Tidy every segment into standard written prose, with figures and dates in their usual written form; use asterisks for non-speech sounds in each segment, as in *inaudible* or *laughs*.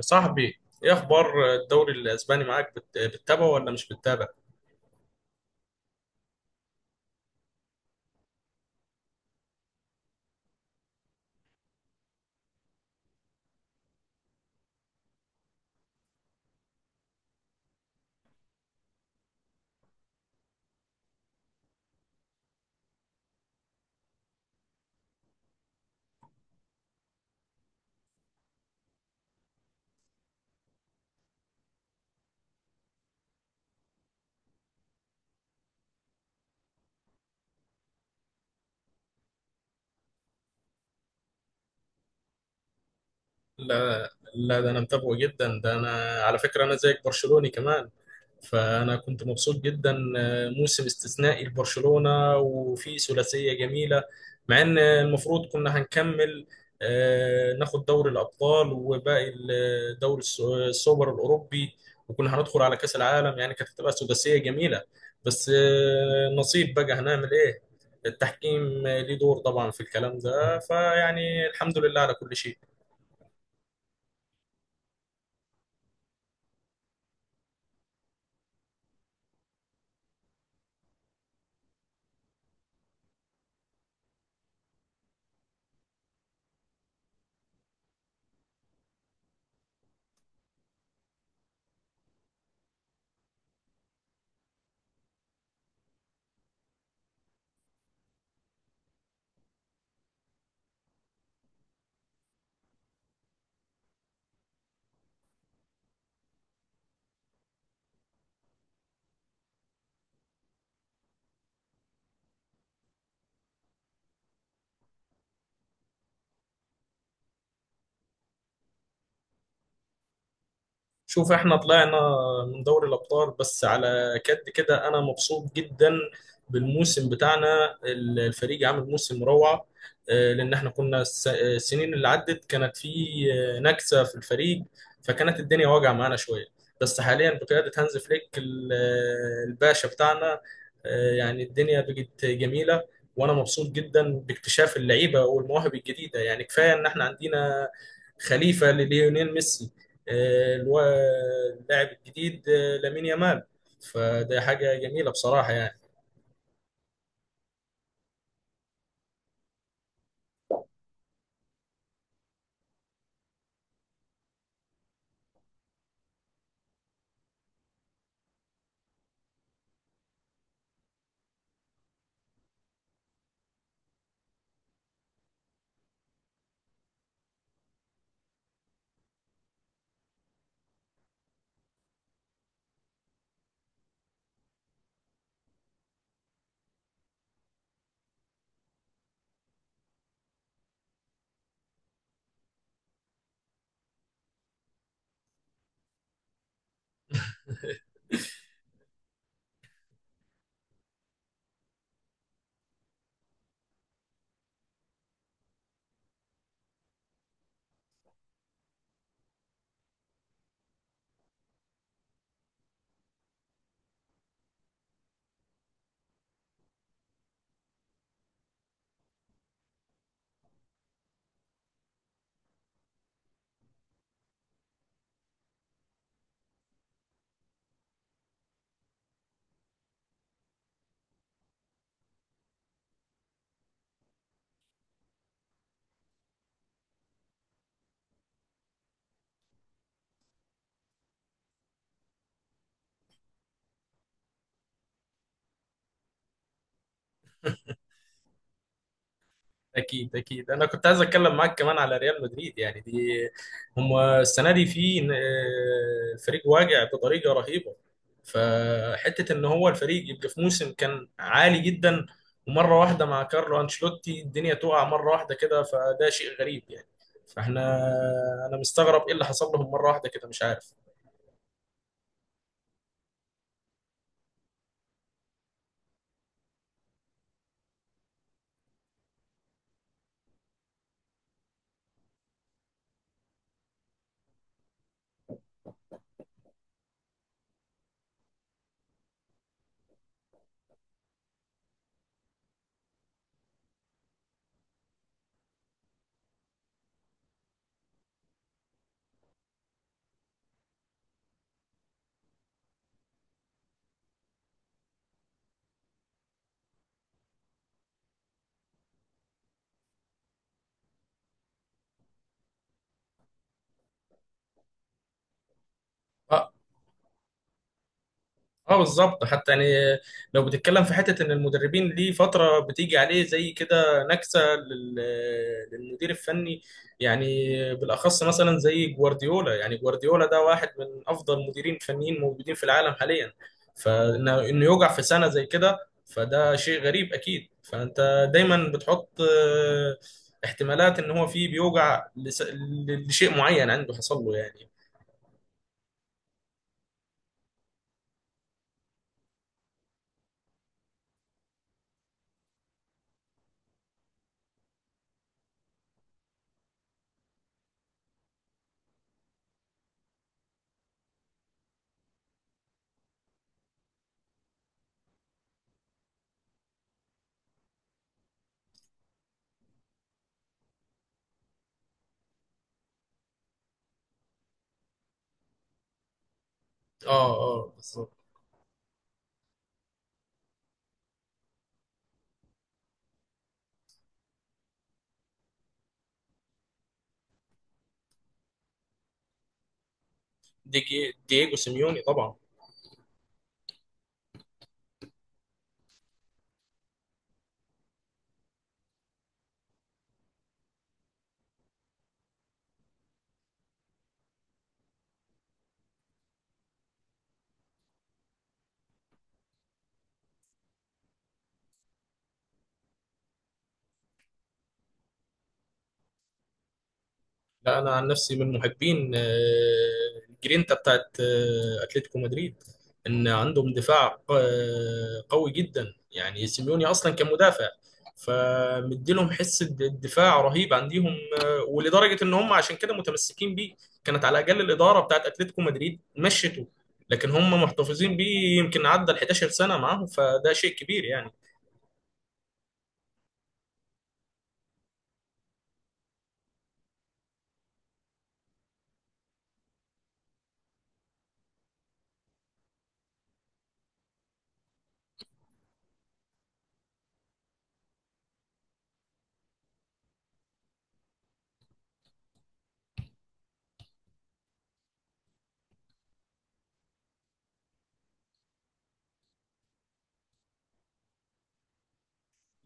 صاحبي ايه اخبار الدوري الاسباني معاك بتتابعه ولا مش بتتابع؟ لا لا، ده انا متابعه جدا. ده انا على فكره انا زيك برشلوني كمان. فأنا كنت مبسوط جدا، موسم استثنائي لبرشلونة وفي ثلاثية جميلة مع إن المفروض كنا هنكمل، ناخد دوري الأبطال وباقي دوري السوبر الأوروبي، وكنا هندخل على كأس العالم. يعني كانت هتبقى ثلاثية جميلة، بس نصيب، بقى هنعمل إيه. التحكيم ليه دور طبعا في الكلام ده، فيعني الحمد لله على كل شيء. شوف، احنا طلعنا من دوري الابطال، بس على كد كده انا مبسوط جدا بالموسم بتاعنا. الفريق عامل موسم روعه، لان احنا كنا السنين اللي عدت كانت في، نكسه في الفريق، فكانت الدنيا واجعه معانا شويه. بس حاليا بقياده هانز فليك الباشا بتاعنا، يعني الدنيا بقت جميله. وانا مبسوط جدا باكتشاف اللعيبه والمواهب الجديده، يعني كفايه ان احنا عندنا خليفه لليونيل ميسي، الو- اللاعب الجديد لامين يامال، فده حاجة جميلة بصراحة يعني. *laughs* أكيد أكيد، أنا كنت عايز أتكلم معاك كمان على ريال مدريد. يعني دي، هم السنة دي في، فريق واجع بطريقة رهيبة. فحتة إن هو الفريق يبقى في موسم كان عالي جدا، ومرة واحدة مع كارلو أنشيلوتي الدنيا تقع مرة واحدة كده، فده شيء غريب يعني. فاحنا، أنا مستغرب إيه اللي حصل لهم مرة واحدة كده، مش عارف. اه، بالظبط. حتى يعني، لو بتتكلم في حته ان المدربين ليه فتره بتيجي عليه زي كده نكسه للمدير الفني يعني، بالاخص مثلا زي جوارديولا. يعني جوارديولا ده واحد من افضل مديرين فنيين موجودين في العالم حاليا، انه يوجع في سنه زي كده، فده شيء غريب اكيد. فانت دايما بتحط احتمالات ان هو فيه بيوجع لشيء معين عنده حصل له يعني. اه، بالظبط. دييجو سيميوني طبعا. لا انا عن نفسي من محبين الجرينتا بتاعت اتلتيكو مدريد، ان عندهم دفاع قوي جدا. يعني سيميوني اصلا كان مدافع، فمديلهم حس الدفاع رهيب عندهم، ولدرجه ان هم عشان كده متمسكين بيه. كانت على الاقل الاداره بتاعت اتلتيكو مدريد مشته، لكن هم محتفظين بيه يمكن عدى ال 11 سنه معاهم، فده شيء كبير يعني.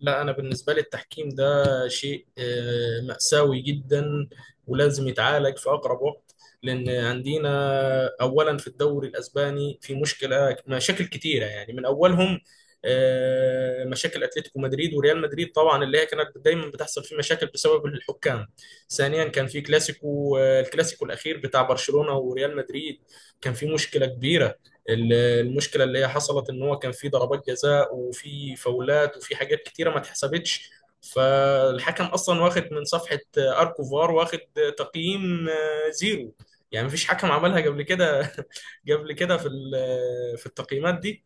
لا أنا بالنسبة لي التحكيم ده شيء مأساوي جدا، ولازم يتعالج في أقرب وقت. لأن عندنا أولا في الدوري الأسباني في مشكلة، مشاكل كتيرة، يعني من أولهم مشاكل أتلتيكو مدريد وريال مدريد، طبعا اللي هي كانت دايما بتحصل فيه مشاكل بسبب الحكام. ثانيا كان في كلاسيكو، الكلاسيكو الأخير بتاع برشلونة وريال مدريد، كان في مشكلة كبيرة. المشكله اللي هي حصلت ان هو كان في ضربات جزاء وفي فاولات وفي حاجات كتيره ما اتحسبتش، فالحكم اصلا واخد من صفحه اركوفار واخد تقييم زيرو. يعني مفيش حكم عملها قبل كده، قبل كده في في التقييمات دي.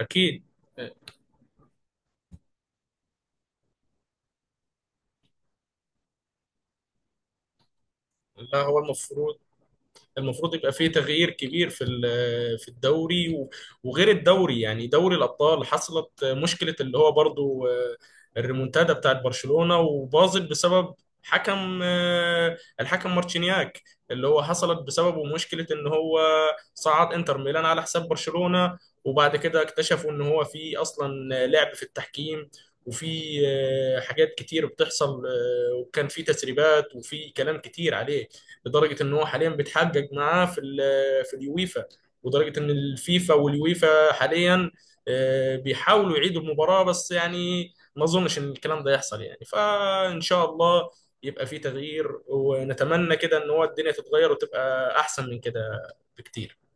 اكيد. لا هو المفروض، المفروض يبقى فيه تغيير كبير في في الدوري، وغير الدوري يعني دوري الأبطال حصلت مشكلة، اللي هو برضو الريمونتادا بتاعت برشلونة وباظت بسبب حكم، الحكم مارتشينياك. اللي هو حصلت بسببه مشكلة ان هو صعد انتر ميلان على حساب برشلونة، وبعد كده اكتشفوا ان هو في اصلا لعب في التحكيم، وفي حاجات كتير بتحصل. وكان في تسريبات وفي كلام كتير عليه، لدرجه ان هو حاليا بيتحجج معاه في في اليويفا. ودرجه ان الفيفا واليويفا حاليا بيحاولوا يعيدوا المباراه، بس يعني ما اظنش ان الكلام ده يحصل يعني. فان شاء الله يبقى في تغيير، ونتمنى كده ان هو الدنيا تتغير وتبقى احسن من كده بكتير.